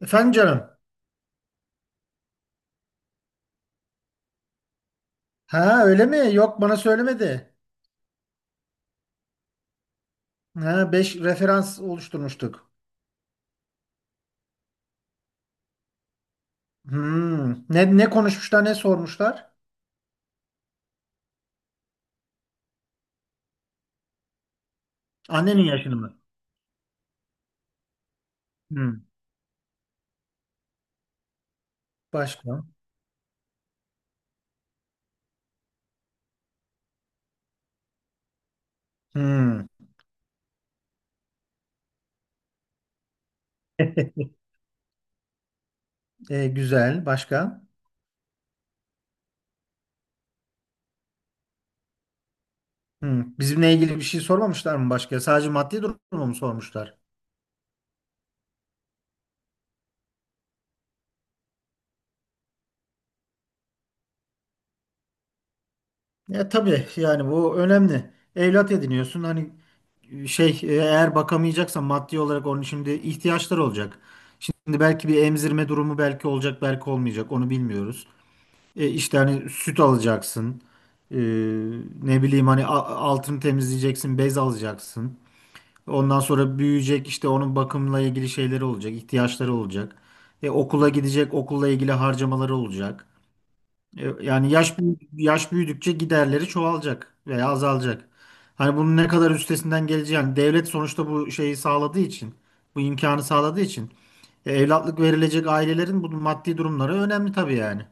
Efendim canım. Ha öyle mi? Yok bana söylemedi. Ha 5 referans oluşturmuştuk. Hmm. Ne konuşmuşlar, ne sormuşlar? Annenin yaşını mı? Hmm. Başka. Hmm. Güzel. Başka? Hmm. Bizimle ilgili bir şey sormamışlar mı başka? Sadece maddi durumu mu sormuşlar? Ya tabii yani bu önemli. Evlat ediniyorsun hani şey eğer bakamayacaksan maddi olarak onun şimdi ihtiyaçları olacak. Şimdi belki bir emzirme durumu belki olacak belki olmayacak onu bilmiyoruz. İşte hani süt alacaksın. E, Ne bileyim hani altını temizleyeceksin, bez alacaksın. Ondan sonra büyüyecek işte onun bakımla ilgili şeyleri olacak, ihtiyaçları olacak. Okula gidecek, okulla ilgili harcamaları olacak. Yani yaş büyüdükçe giderleri çoğalacak veya azalacak. Hani bunun ne kadar üstesinden geleceğini yani devlet sonuçta bu şeyi sağladığı için, bu imkanı sağladığı için evlatlık verilecek ailelerin bu maddi durumları önemli tabii yani.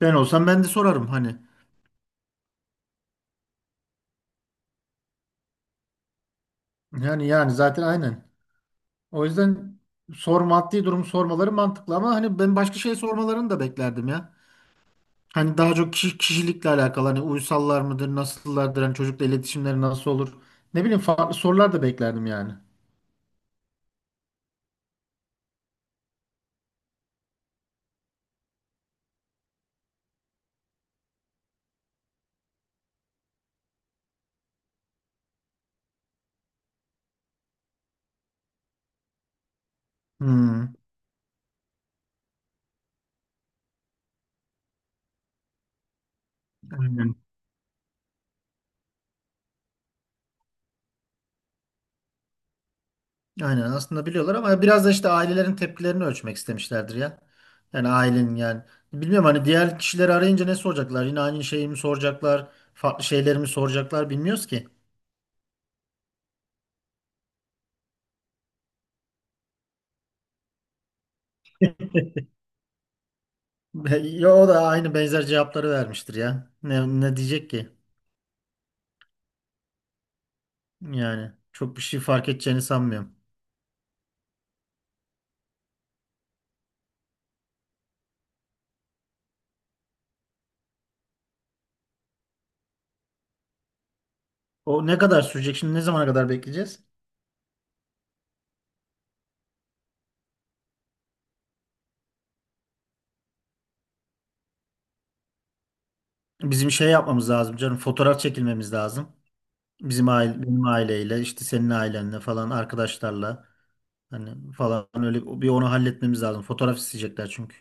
Ben olsam ben de sorarım hani. Yani zaten aynen. O yüzden sor maddi durum sormaları mantıklı ama hani ben başka şey sormalarını da beklerdim ya. Hani daha çok kişi, kişilikle alakalı hani uysallar mıdır, nasıllardır, hani çocukla iletişimleri nasıl olur? Ne bileyim farklı sorular da beklerdim yani. Hmm, aynen. Aynen aslında biliyorlar ama biraz da işte ailelerin tepkilerini ölçmek istemişlerdir ya. Yani ailenin yani. Bilmiyorum hani diğer kişileri arayınca ne soracaklar? Yine aynı şeyi mi soracaklar? Farklı şeyleri mi soracaklar bilmiyoruz ki. Ya o da aynı benzer cevapları vermiştir ya. Ne diyecek ki? Yani çok bir şey fark edeceğini sanmıyorum. O ne kadar sürecek şimdi? Ne zamana kadar bekleyeceğiz? Bizim şey yapmamız lazım canım. Fotoğraf çekilmemiz lazım. Bizim aile, benim aileyle, işte senin ailenle falan, arkadaşlarla hani falan öyle bir onu halletmemiz lazım. Fotoğraf isteyecekler çünkü.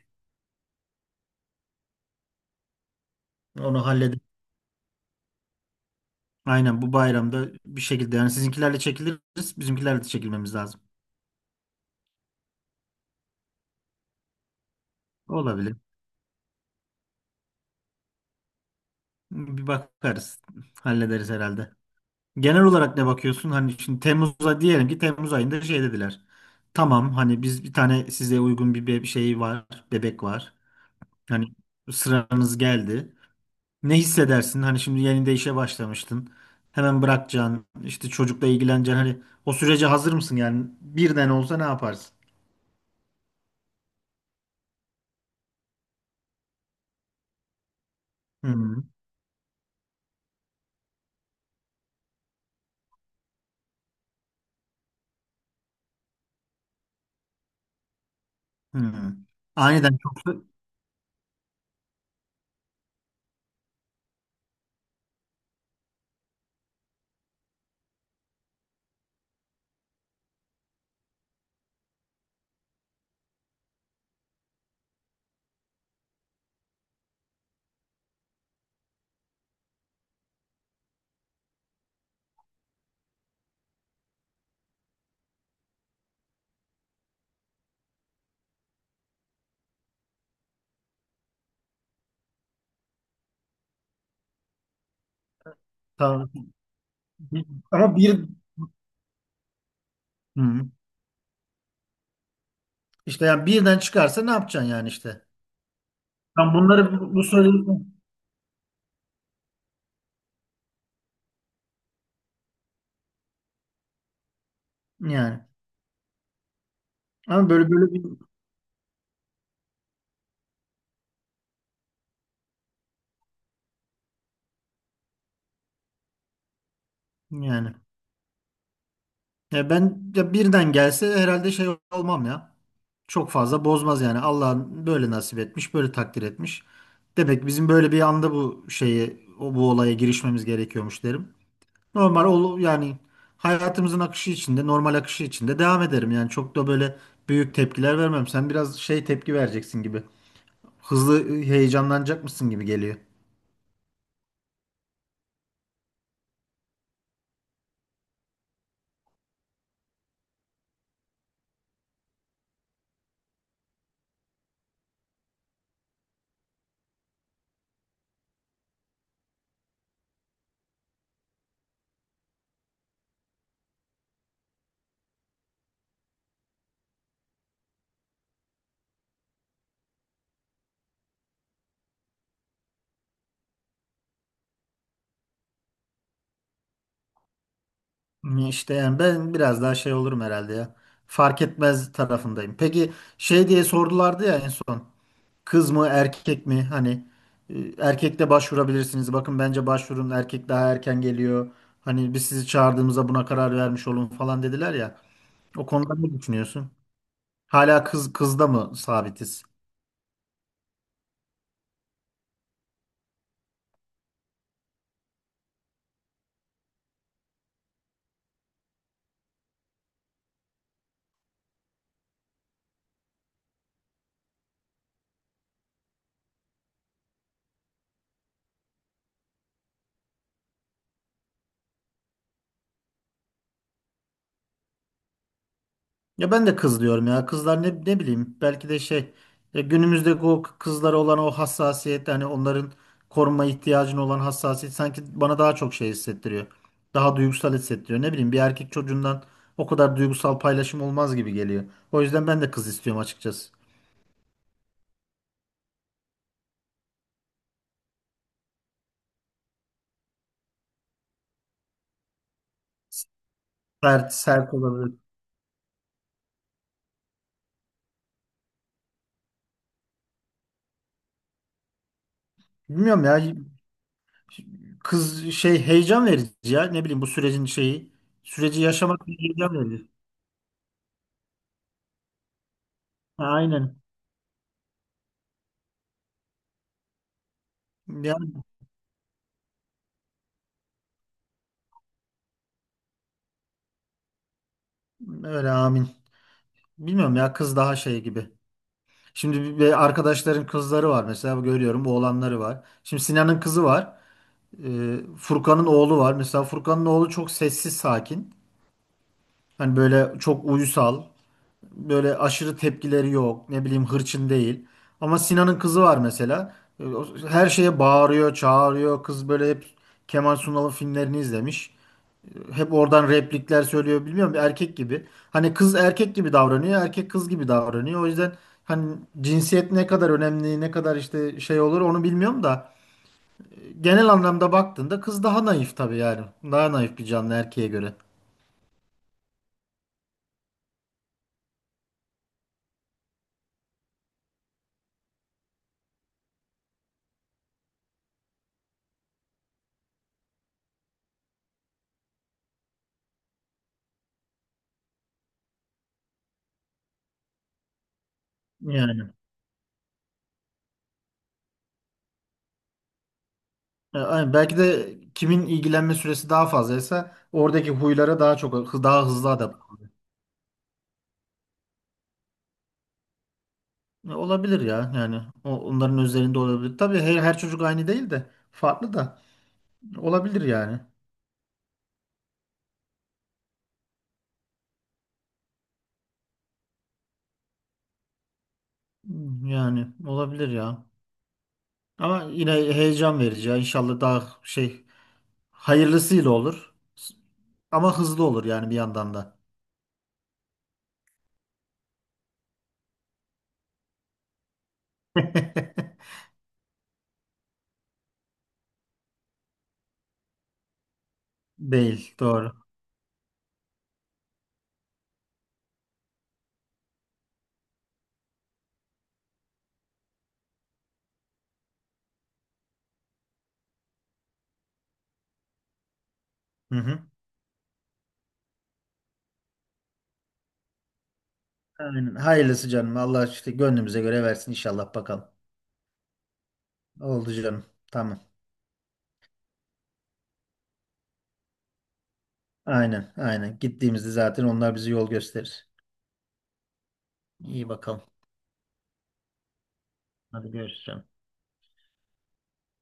Onu halledip aynen bu bayramda bir şekilde yani sizinkilerle çekiliriz, bizimkilerle de çekilmemiz lazım. Olabilir. Bir bakarız. Hallederiz herhalde. Genel olarak ne bakıyorsun? Hani şimdi Temmuz'a diyelim ki Temmuz ayında şey dediler. Tamam hani biz bir tane size uygun şey var, bebek var. Hani sıranız geldi. Ne hissedersin? Hani şimdi yeni de işe başlamıştın. Hemen bırakacaksın, işte çocukla ilgileneceksin. Hani o sürece hazır mısın yani? Birden olsa ne yaparsın? Hı hı. Aniden çok. Tamam. Ama bir. Hı. İşte yani birden çıkarsa ne yapacaksın yani işte? Tam bunları bu soruyu yani. Ama böyle bir yani. Ya ben ya birden gelse herhalde şey olmam ya. Çok fazla bozmaz yani. Allah böyle nasip etmiş, böyle takdir etmiş. Demek ki bizim böyle bir anda bu şeye, o bu olaya girişmemiz gerekiyormuş derim. Normal ol yani hayatımızın akışı içinde, normal akışı içinde devam ederim. Yani çok da böyle büyük tepkiler vermem. Sen biraz şey tepki vereceksin gibi. Hızlı heyecanlanacak mısın gibi geliyor. İşte yani ben biraz daha şey olurum herhalde ya. Fark etmez tarafındayım. Peki şey diye sordulardı ya en son. Kız mı erkek mi? Hani erkek de başvurabilirsiniz. Bakın bence başvurun erkek daha erken geliyor. Hani biz sizi çağırdığımızda buna karar vermiş olun falan dediler ya. O konuda ne düşünüyorsun? Hala kızda mı sabitiz? Ya ben de kız diyorum ya. Kızlar ne bileyim belki de şey günümüzde bu kızlara olan o hassasiyet hani onların koruma ihtiyacına olan hassasiyet sanki bana daha çok şey hissettiriyor. Daha duygusal hissettiriyor. Ne bileyim bir erkek çocuğundan o kadar duygusal paylaşım olmaz gibi geliyor. O yüzden ben de kız istiyorum açıkçası. Sert olabilir. Bilmiyorum ya kız şey heyecan verici ya ne bileyim bu sürecin şeyi süreci yaşamak bir heyecan verici. Ha, aynen. Yani öyle amin. Bilmiyorum ya kız daha şey gibi. Şimdi bir arkadaşların kızları var mesela görüyorum oğlanları var. Şimdi Sinan'ın kızı var. Furkan'ın oğlu var. Mesela Furkan'ın oğlu çok sessiz sakin. Hani böyle çok uysal. Böyle aşırı tepkileri yok. Ne bileyim hırçın değil. Ama Sinan'ın kızı var mesela. Her şeye bağırıyor, çağırıyor. Kız böyle hep Kemal Sunal'ın filmlerini izlemiş hep oradan replikler söylüyor bilmiyorum bir erkek gibi. Hani kız erkek gibi davranıyor, erkek kız gibi davranıyor. O yüzden hani cinsiyet ne kadar önemli, ne kadar işte şey olur onu bilmiyorum da genel anlamda baktığında kız daha naif tabii yani. Daha naif bir canlı erkeğe göre. Yani. Aynen. Belki de kimin ilgilenme süresi daha fazlaysa oradaki huylara daha çok daha hızlı adapte. Olabilir ya yani. Onların üzerinde olabilir. Tabii her çocuk aynı değil de farklı da olabilir yani. Yani olabilir ya. Ama yine heyecan verici ya. İnşallah daha şey hayırlısıyla olur. Ama hızlı olur yani bir yandan da. Değil, doğru. Hı hı. Aynen. Hayırlısı canım. Allah işte gönlümüze göre versin inşallah bakalım. Oldu canım. Tamam. Aynen, aynen. Gittiğimizde zaten onlar bize yol gösterir. İyi bakalım. Hadi görüşürüz, canım.